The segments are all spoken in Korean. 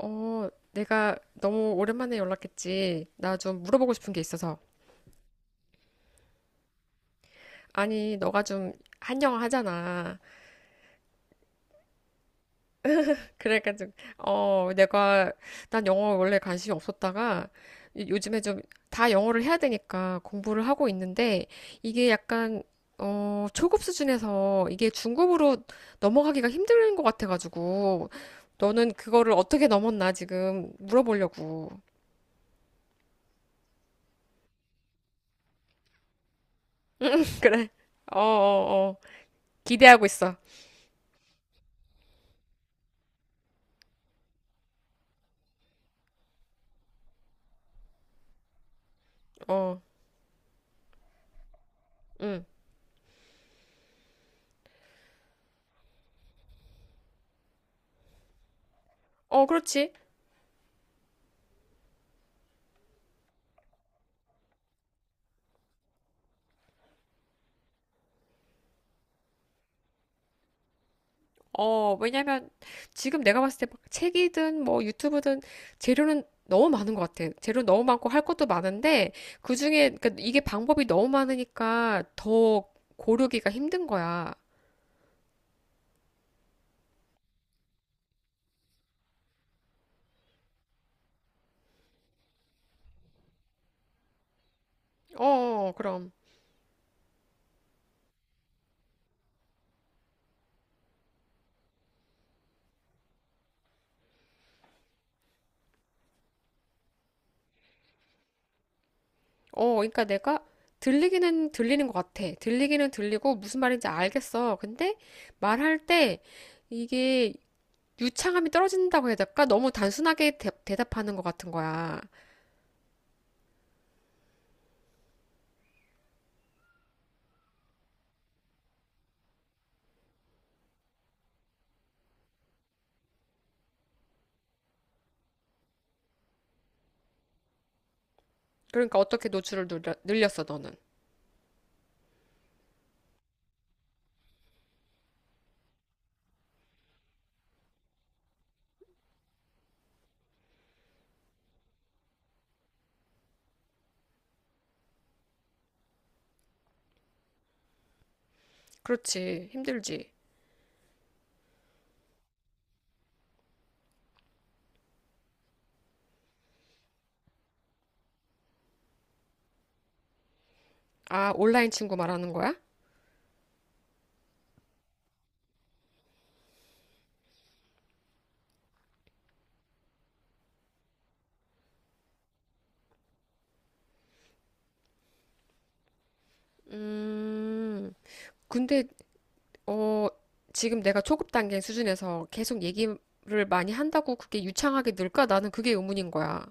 어, 내가 너무 오랜만에 연락했지. 나 좀 물어보고 싶은 게 있어서. 아니, 너가 좀 한 영어 하잖아. 그래가지고, 어, 내가, 난 영어 원래 관심이 없었다가, 요즘에 좀 다 영어를 해야 되니까 공부를 하고 있는데, 이게 약간, 초급 수준에서 이게 중급으로 넘어가기가 힘든 것 같아가지고, 너는 그거를 어떻게 넘었나 지금 물어보려고. 그래. 어, 어, 어. 기대하고 있어. 어. 응, 어, 그렇지. 왜냐면 지금 내가 봤을 때 막 책이든 뭐 유튜브든 재료는 너무 많은 것 같아. 재료 너무 많고 할 것도 많은데 그중에 그러니까 이게 방법이 너무 많으니까 더 고르기가 힘든 거야. 어, 어, 어, 그럼. 그러니까 내가 들리기는 들리는 것 같아. 들리기는 들리고 무슨 말인지 알겠어. 근데 말할 때 이게 유창함이 떨어진다고 해야 될까? 너무 단순하게 답하는것 같은 거야. 그러니까 어떻게 노출을 늘렸어, 너는? 그렇지. 힘들지. 아, 온라인 친구 말하는 거야? 음. 근데 어 지금 내가 초급 단계 수준에서 계속 얘기를 많이 한다고 그게 유창하게 늘까? 나는 그게 의문인 거야.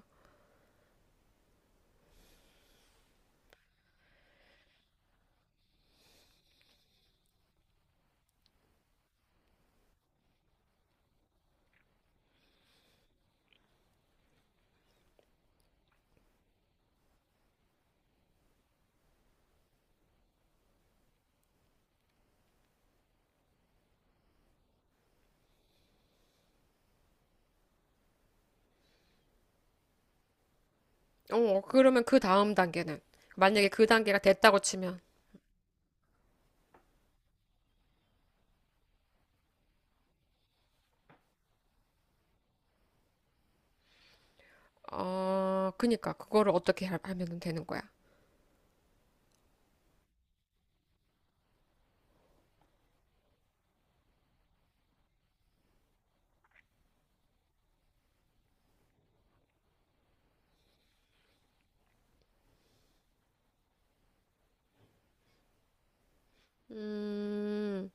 그러면 그 다음 단계는 만약에 그 단계가 됐다고 치면. 그니까 그거를 어떻게 하면 되는 거야? 음.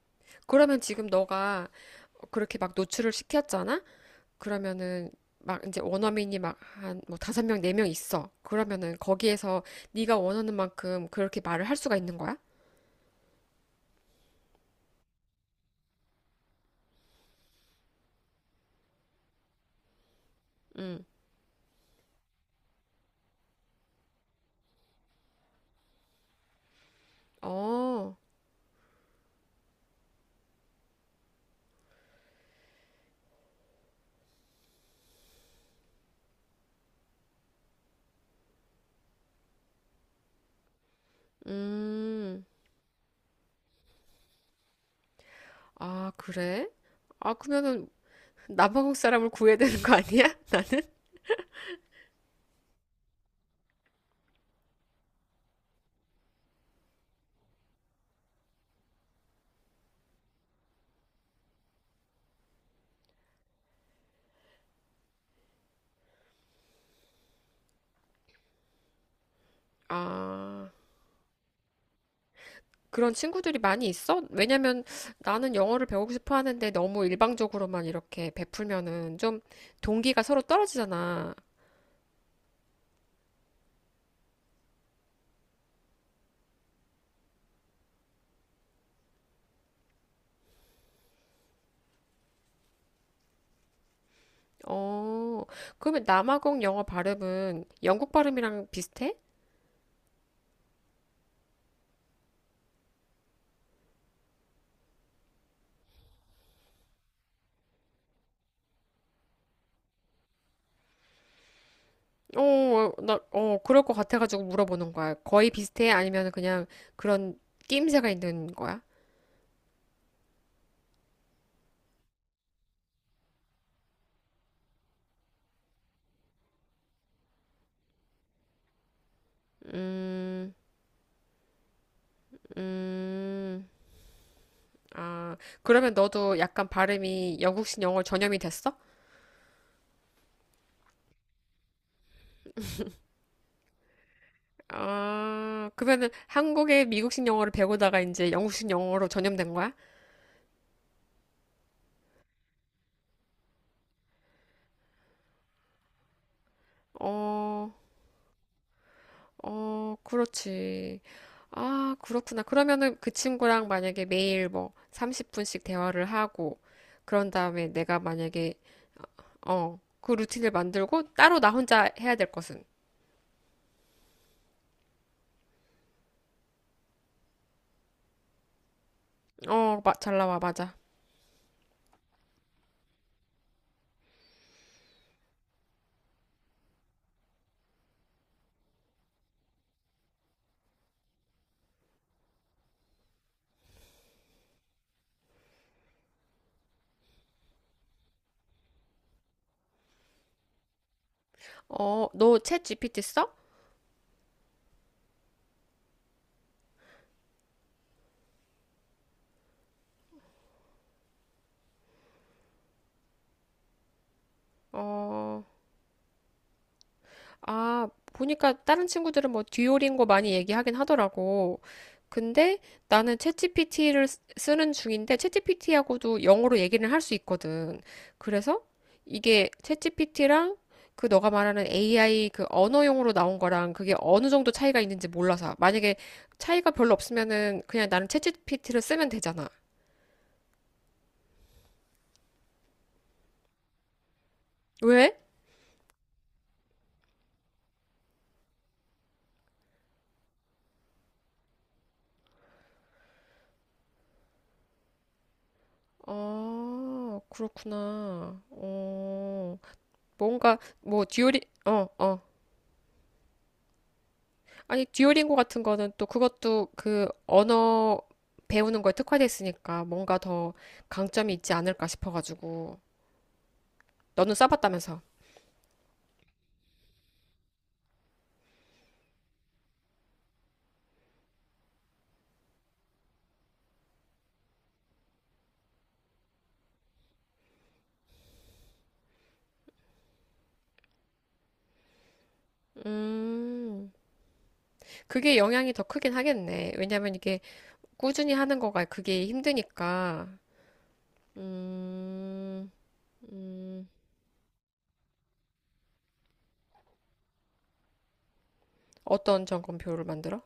그러면 지금 너가 그렇게 막 노출을 시켰잖아? 그러면은 막 이제 원어민이 막 한 뭐 5명, 4명 있어. 그러면은 거기에서 네가 원하는 만큼 그렇게 말을 할 수가 있는 거야? 응. 어. 음. 아, 그래? 아, 그러면은 남아공 사람을 구해야 되는 거 아니야? 아. 그런 친구들이 많이 있어? 왜냐면 나는 영어를 배우고 싶어 하는데 너무 일방적으로만 이렇게 베풀면은 좀 동기가 서로 떨어지잖아. 어. 그러면 남아공 영어 발음은 영국 발음이랑 비슷해? 그럴 것 같아가지고 물어보는 거야. 거의 비슷해? 아니면 그냥 그런 낌새가 있는 거야? 음, 음, 아, 그러면 너도 약간 발음이 영국식 영어 전염이 됐어? 아, 그러면은 한국의 미국식 영어를 배우다가 이제 영국식 영어로 전염된 거야? 어, 어, 그렇지. 아, 그렇구나. 그러면은 그 친구랑 만약에 매일 뭐 30분씩 대화를 하고, 그런 다음에 내가 만약에 그 루틴을 만들고 따로 나 혼자 해야 될 것은. 잘 나와, 맞아. 너 챗 GPT 써? 어, 아, 보니까 다른 친구들은 뭐 듀오링고 많이 얘기하긴 하더라고. 근데 나는 챗GPT를 쓰는 중인데 챗GPT하고도 영어로 얘기를 할 수 있거든. 그래서 이게 챗GPT랑 그 너가 말하는 AI 그 언어용으로 나온 거랑 그게 어느 정도 차이가 있는지 몰라서 만약에 차이가 별로 없으면은 그냥 나는 챗GPT를 쓰면 되잖아. 왜? 아, 그렇구나. 뭔가 뭐 듀오링 어, 어. 아니, 듀오링고 같은 거는 또 그것도 그 언어 배우는 거에 특화돼 있으니까 뭔가 더 강점이 있지 않을까 싶어가지고. 너는 써봤다면서? 음, 그게 영향이 더 크긴 하겠네. 왜냐면 이게 꾸준히 하는 거가 그게 힘드니까. 음, 음, 어떤 점검표를 만들어?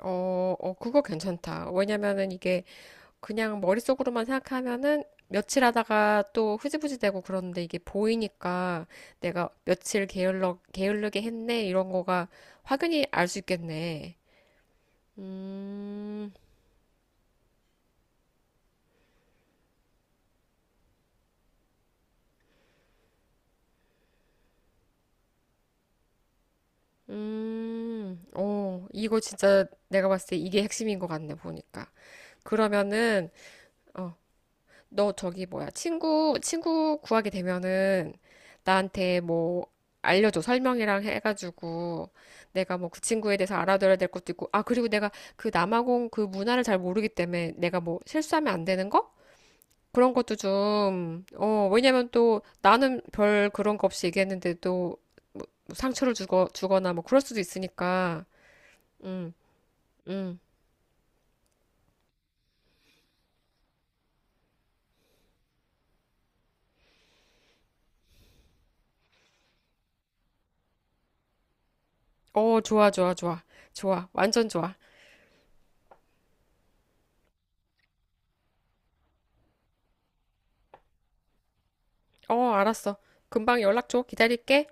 어, 어, 그거 괜찮다. 왜냐면은 이게 그냥 머릿속으로만 생각하면은 며칠 하다가 또 흐지부지 되고 그러는데 이게 보이니까 내가 며칠 게을르게 했네 이런 거가 확연히 알 수 있겠네. 음, 이거 진짜 내가 봤을 때 이게 핵심인 것 같네, 보니까. 그러면은, 어, 너 저기 뭐야 친구 구하게 되면은 나한테 뭐 알려줘 설명이랑 해가지고 내가 뭐 그 친구에 대해서 알아둬야 될 것도 있고, 아 그리고 내가 그 남아공 그 문화를 잘 모르기 때문에 내가 뭐 실수하면 안 되는 거 그런 것도 좀. 왜냐면 또 나는 별 그런 거 없이 얘기했는데도 뭐 주거나 뭐 그럴 수도 있으니까. 음 음 좋아, 좋아, 좋아, 좋아, 완전 좋아. 어, 알았어. 금방 연락 줘. 기다릴게.